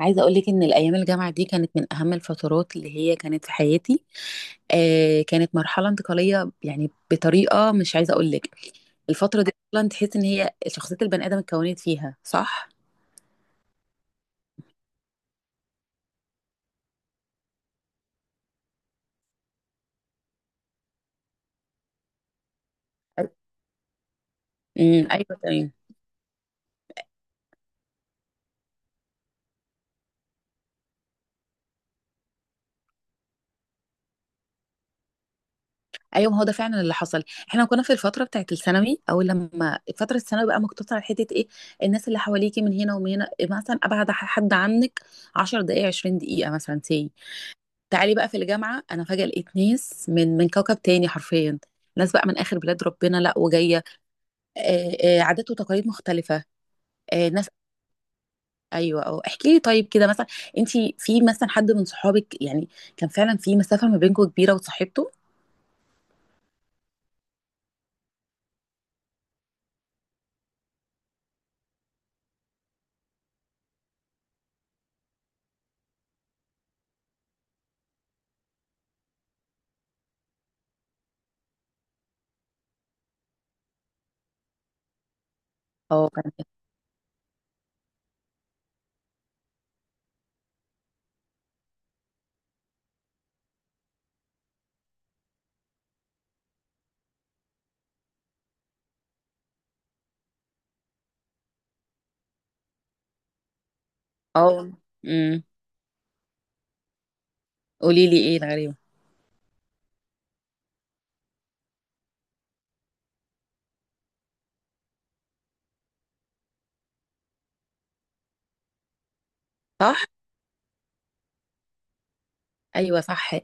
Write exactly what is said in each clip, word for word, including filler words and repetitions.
عايزه اقول لك ان الايام الجامعه دي كانت من اهم الفترات اللي هي كانت في حياتي. آه كانت مرحله انتقاليه، يعني بطريقه مش عايزه اقول لك. الفتره دي اصلا تحس ان هي شخصيه البني ادم اتكونت فيها، صح؟ امم، ايوه، تمام. ايوه، ما هو ده فعلا اللي حصل. احنا كنا في الفتره بتاعت الثانوي، او لما فتره الثانوي بقى مقتصره على حته ايه، الناس اللي حواليكي من هنا ومن هنا. مثلا ابعد ح- حد عنك 10 دقائق، 20 دقيقه مثلا سي. تعالي بقى في الجامعة، أنا فجأة لقيت ناس من من كوكب تاني حرفيا. ناس بقى من آخر بلاد ربنا لا وجاية. آه، آه، عادات وتقاليد مختلفة. آه، ناس. أيوة، أه احكي لي طيب كده مثلا. أنتي في مثلا حد من صحابك، يعني كان فعلا في مسافة ما بينكم كبيرة وصاحبته؟ أه كان أه أمم قولي لي إيه الغريبة؟ صح؟ ايوه، صح.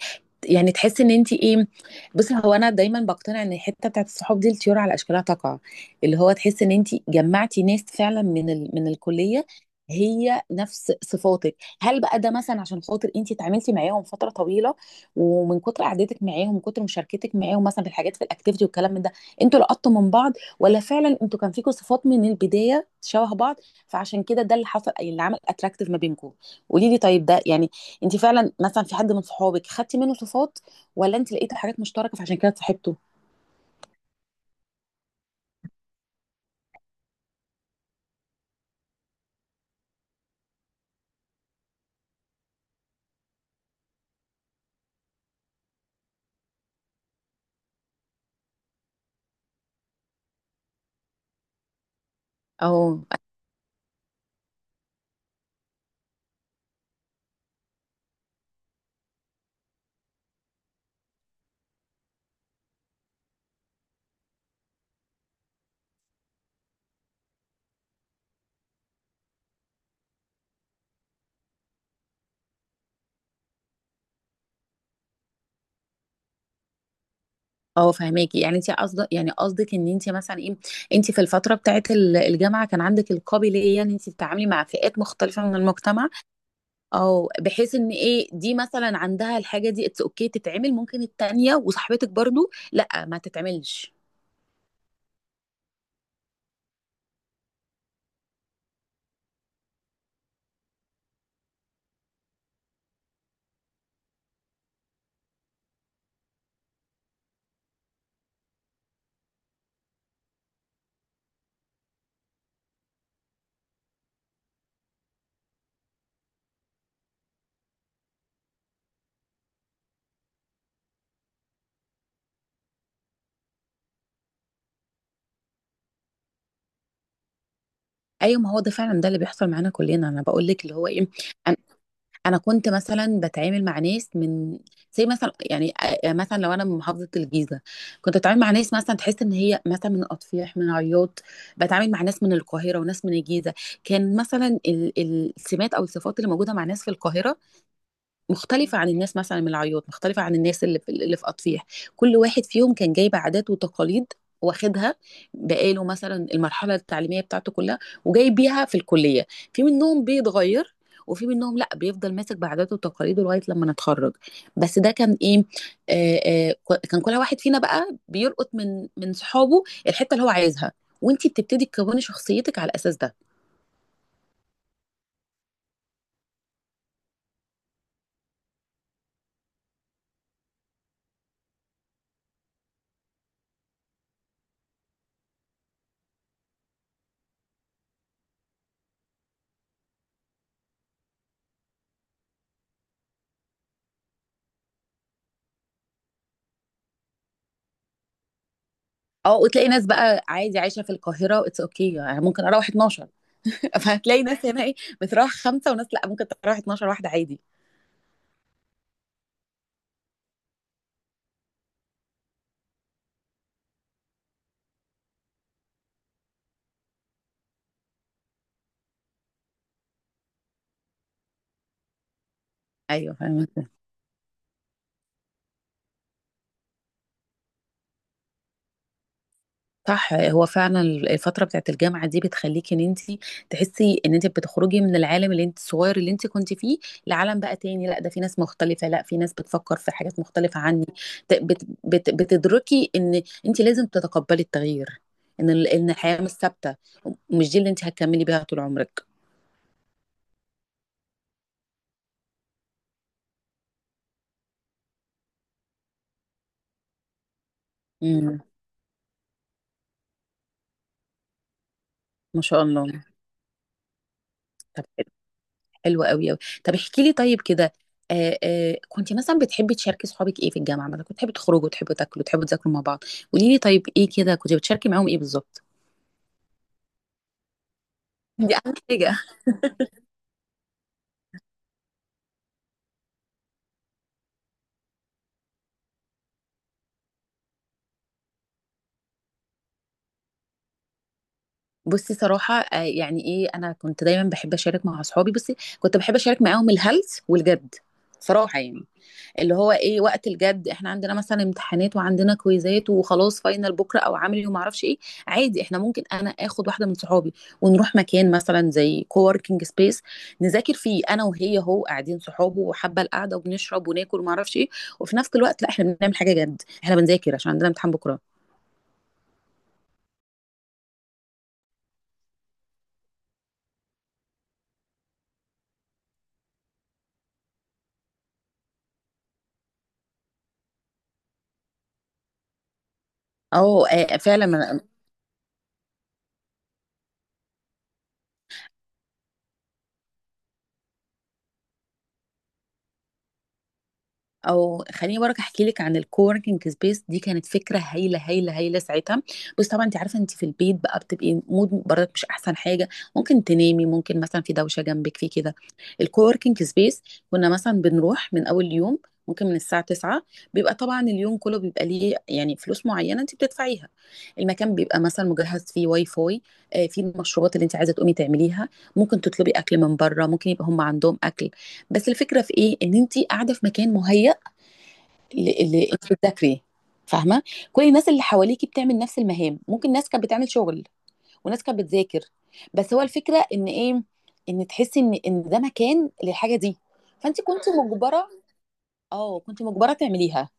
يعني تحس ان انت ايه. بصي، هو انا دايما بقتنع ان الحته بتاعت الصحاب دي الطيور على اشكالها تقع. اللي هو تحس ان انت جمعتي ناس فعلا من ال... من الكليه، هي نفس صفاتك. هل بقى ده مثلا عشان خاطر انت اتعاملتي معاهم فتره طويله، ومن كتر قعدتك معاهم، من كتر مشاركتك معاهم مثلا في الحاجات، في الاكتيفيتي والكلام من ده، انتوا لقطتوا من بعض؟ ولا فعلا انتوا كان فيكم صفات من البدايه شبه بعض، فعشان كده ده اللي حصل، اللي عمل اتراكتيف ما بينكم؟ قولي لي طيب، ده يعني انت فعلا مثلا في حد من صحابك خدتي منه صفات، ولا انت لقيتي حاجات مشتركه فعشان كده صاحبته؟ او، او فهماكي؟ يعني انت قصدك، يعني قصدك ان انت مثلا ايه، انت في الفتره بتاعت ال- الجامعه كان عندك القابليه ان انت تتعاملي مع فئات مختلفه من المجتمع. او بحيث ان ايه، دي مثلا عندها الحاجه دي اتس اوكي تتعمل، ممكن التانيه وصاحبتك برضو لا ما تتعملش. ايوه، ما هو ده فعلا ده اللي بيحصل معانا كلنا، انا بقول لك اللي هو ايه. انا كنت مثلا بتعامل مع ناس من، زي مثلا، يعني آه، مثلا لو انا من محافظه الجيزه، كنت بتعامل مع ناس مثلا تحس ان هي مثلا من اطفيح، من عياط، بتعامل مع ناس من القاهره وناس من الجيزه. كان مثلا ال- السمات او الصفات اللي موجوده مع ناس في القاهره مختلفة عن الناس مثلا من العياط، مختلفة عن الناس اللي في اللي في أطفيح. كل واحد فيهم كان جايب عادات وتقاليد واخدها بقاله مثلا المرحلة التعليمية بتاعته كلها، وجاي بيها في الكلية. في منهم بيتغير، وفي منهم لا، بيفضل ماسك بعاداته وتقاليده لغاية لما نتخرج. بس ده كان ايه، آه آه ك- كان كل واحد فينا بقى بيلقط من من صحابه الحتة اللي هو عايزها، وانتي بتبتدي تكوني شخصيتك على الاساس ده. اه، وتلاقي ناس بقى عادي عايشه في القاهره اتس اوكي okay. يعني ممكن اروح اتناشر. فهتلاقي ناس هنا ايه، بتروح خمسه، وناس لا ممكن تروح اتناشر واحده عادي. ايوه، فاهمة. صح، هو فعلا الفتره بتاعت الجامعه دي بتخليكي ان انت تحسي ان انت بتخرجي من العالم اللي انت الصغير اللي انت كنت فيه، لعالم بقى تاني، لا ده في ناس مختلفه، لا في ناس بتفكر في حاجات مختلفه عني. ت- بت بت بتدركي ان انت لازم تتقبلي التغيير، ان ال- ان الحياه مش ثابته، مش دي اللي انت هتكملي بيها طول عمرك. امم، ما شاء الله. طب، حلو قوي قوي. طب احكي لي طيب كده، آه آه كنت مثلا بتحبي تشاركي صحابك ايه في الجامعه؟ مثلا كنت تحبي تخرجوا، تحبوا تاكلوا، تحبوا تذاكروا مع بعض؟ قولي لي طيب، ايه كده كنت بتشاركي معاهم ايه بالظبط؟ دي اهم حاجه. بصي، صراحه آه يعني ايه، انا كنت دايما بحب اشارك مع اصحابي، بصي كنت بحب اشارك معاهم الهلس والجد. صراحه يعني، اللي هو ايه، وقت الجد احنا عندنا مثلا امتحانات وعندنا كويزات وخلاص فاينل بكره او عملي وما اعرفش ايه. عادي احنا ممكن انا اخد واحده من صحابي ونروح مكان مثلا زي كووركينج سبيس، نذاكر فيه انا وهي، هو قاعدين صحابه وحابه القعده، وبنشرب وناكل وما اعرفش ايه، وفي نفس الوقت لا احنا بنعمل حاجه جد، احنا بنذاكر عشان عندنا امتحان بكره. اه، آه، فعلا. او خليني برك احكي لك عن الكووركينج سبيس دي، كانت فكره هايله هايله هايله ساعتها. بس طبعا انت عارفه انت في البيت بقى بتبقي مود برضك مش احسن حاجه، ممكن تنامي، ممكن مثلا في دوشه جنبك، في كده. الكووركينج سبيس، كنا مثلا بنروح من اول يوم، ممكن من الساعة تسعة. بيبقى طبعا اليوم كله بيبقى ليه يعني فلوس معينة انت بتدفعيها. المكان بيبقى مثلا مجهز فيه واي فاي، آه، فيه المشروبات اللي انت عايزة تقومي تعمليها. ممكن تطلبي اكل من بره، ممكن يبقى هم عندهم اكل. بس الفكرة في ايه، ان انت قاعدة في مكان مهيأ اللي, اللي انت بتذاكري، فاهمه؟ كل الناس اللي حواليكي بتعمل نفس المهام، ممكن ناس كانت بتعمل شغل وناس كانت بتذاكر، بس هو الفكره ان ايه، ان تحسي ان ان ده مكان للحاجه دي. فانت كنت مجبره، اه كنت مجبره تعمليها.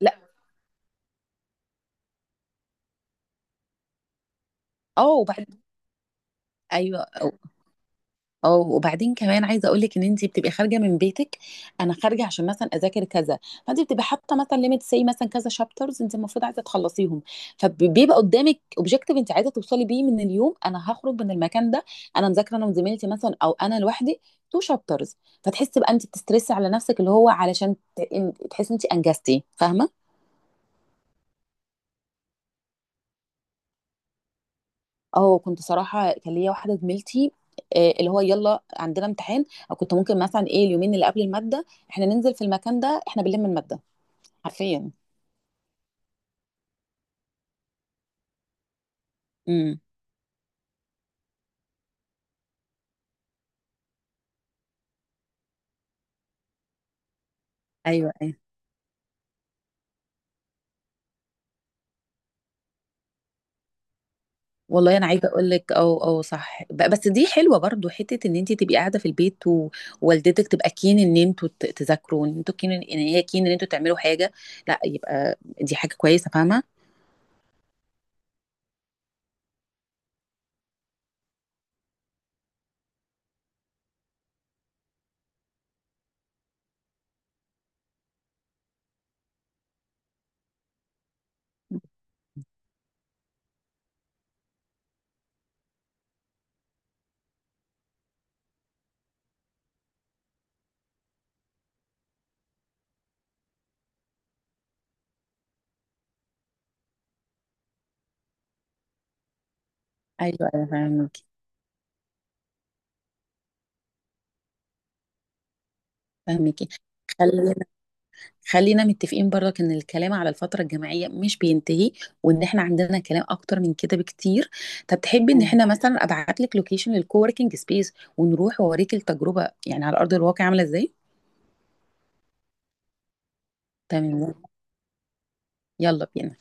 لا، اه وبعد، ايوه، اه وبعدين كمان عايزه اقول لك ان انت بتبقي خارجه من بيتك. انا خارجه عشان مثلا اذاكر كذا، فانت بتبقي حاطه مثلا ليميت سي مثلا كذا شابترز، انت المفروض عايزه تخلصيهم. فبيبقى قدامك اوبجيكتيف انت عايزه توصلي بيه من اليوم، انا هخرج من المكان ده انا مذاكره انا وزميلتي مثلا او انا لوحدي، تو شابترز. فتحسي بقى انت بتسترسي على نفسك اللي هو علشان ت- إن- تحسي انت انجزتي، فاهمه؟ اه، كنت صراحة كان ليا واحدة زميلتي، آه، اللي هو يلا عندنا امتحان. او كنت ممكن مثلا ايه، اليومين اللي قبل المادة احنا ننزل في المكان ده احنا بنلم المادة حرفيا. امم، ايوه، ايوه. والله انا عايزه اقول لك او، او صح، ب- بس دي حلوه برضو حته ان انت تبقي قاعده في البيت، ووالدتك تبقى كين ان انتوا ت- تذاكروا، ان انتوا كين ان هي كين ان انتوا تعملوا حاجه، لا يبقى دي حاجه كويسه، فاهمه؟ ايوه، انا فاهمك، فاهمك. خلينا خلينا متفقين برضك ان الكلام على الفتره الجامعيه مش بينتهي، وان احنا عندنا كلام اكتر من كده بكتير. طب تحبي ان مم. احنا مثلا ابعت لك لوكيشن للكووركينج سبيس ونروح واوريك التجربه، يعني على ارض الواقع عامله ازاي؟ تمام، يلا بينا.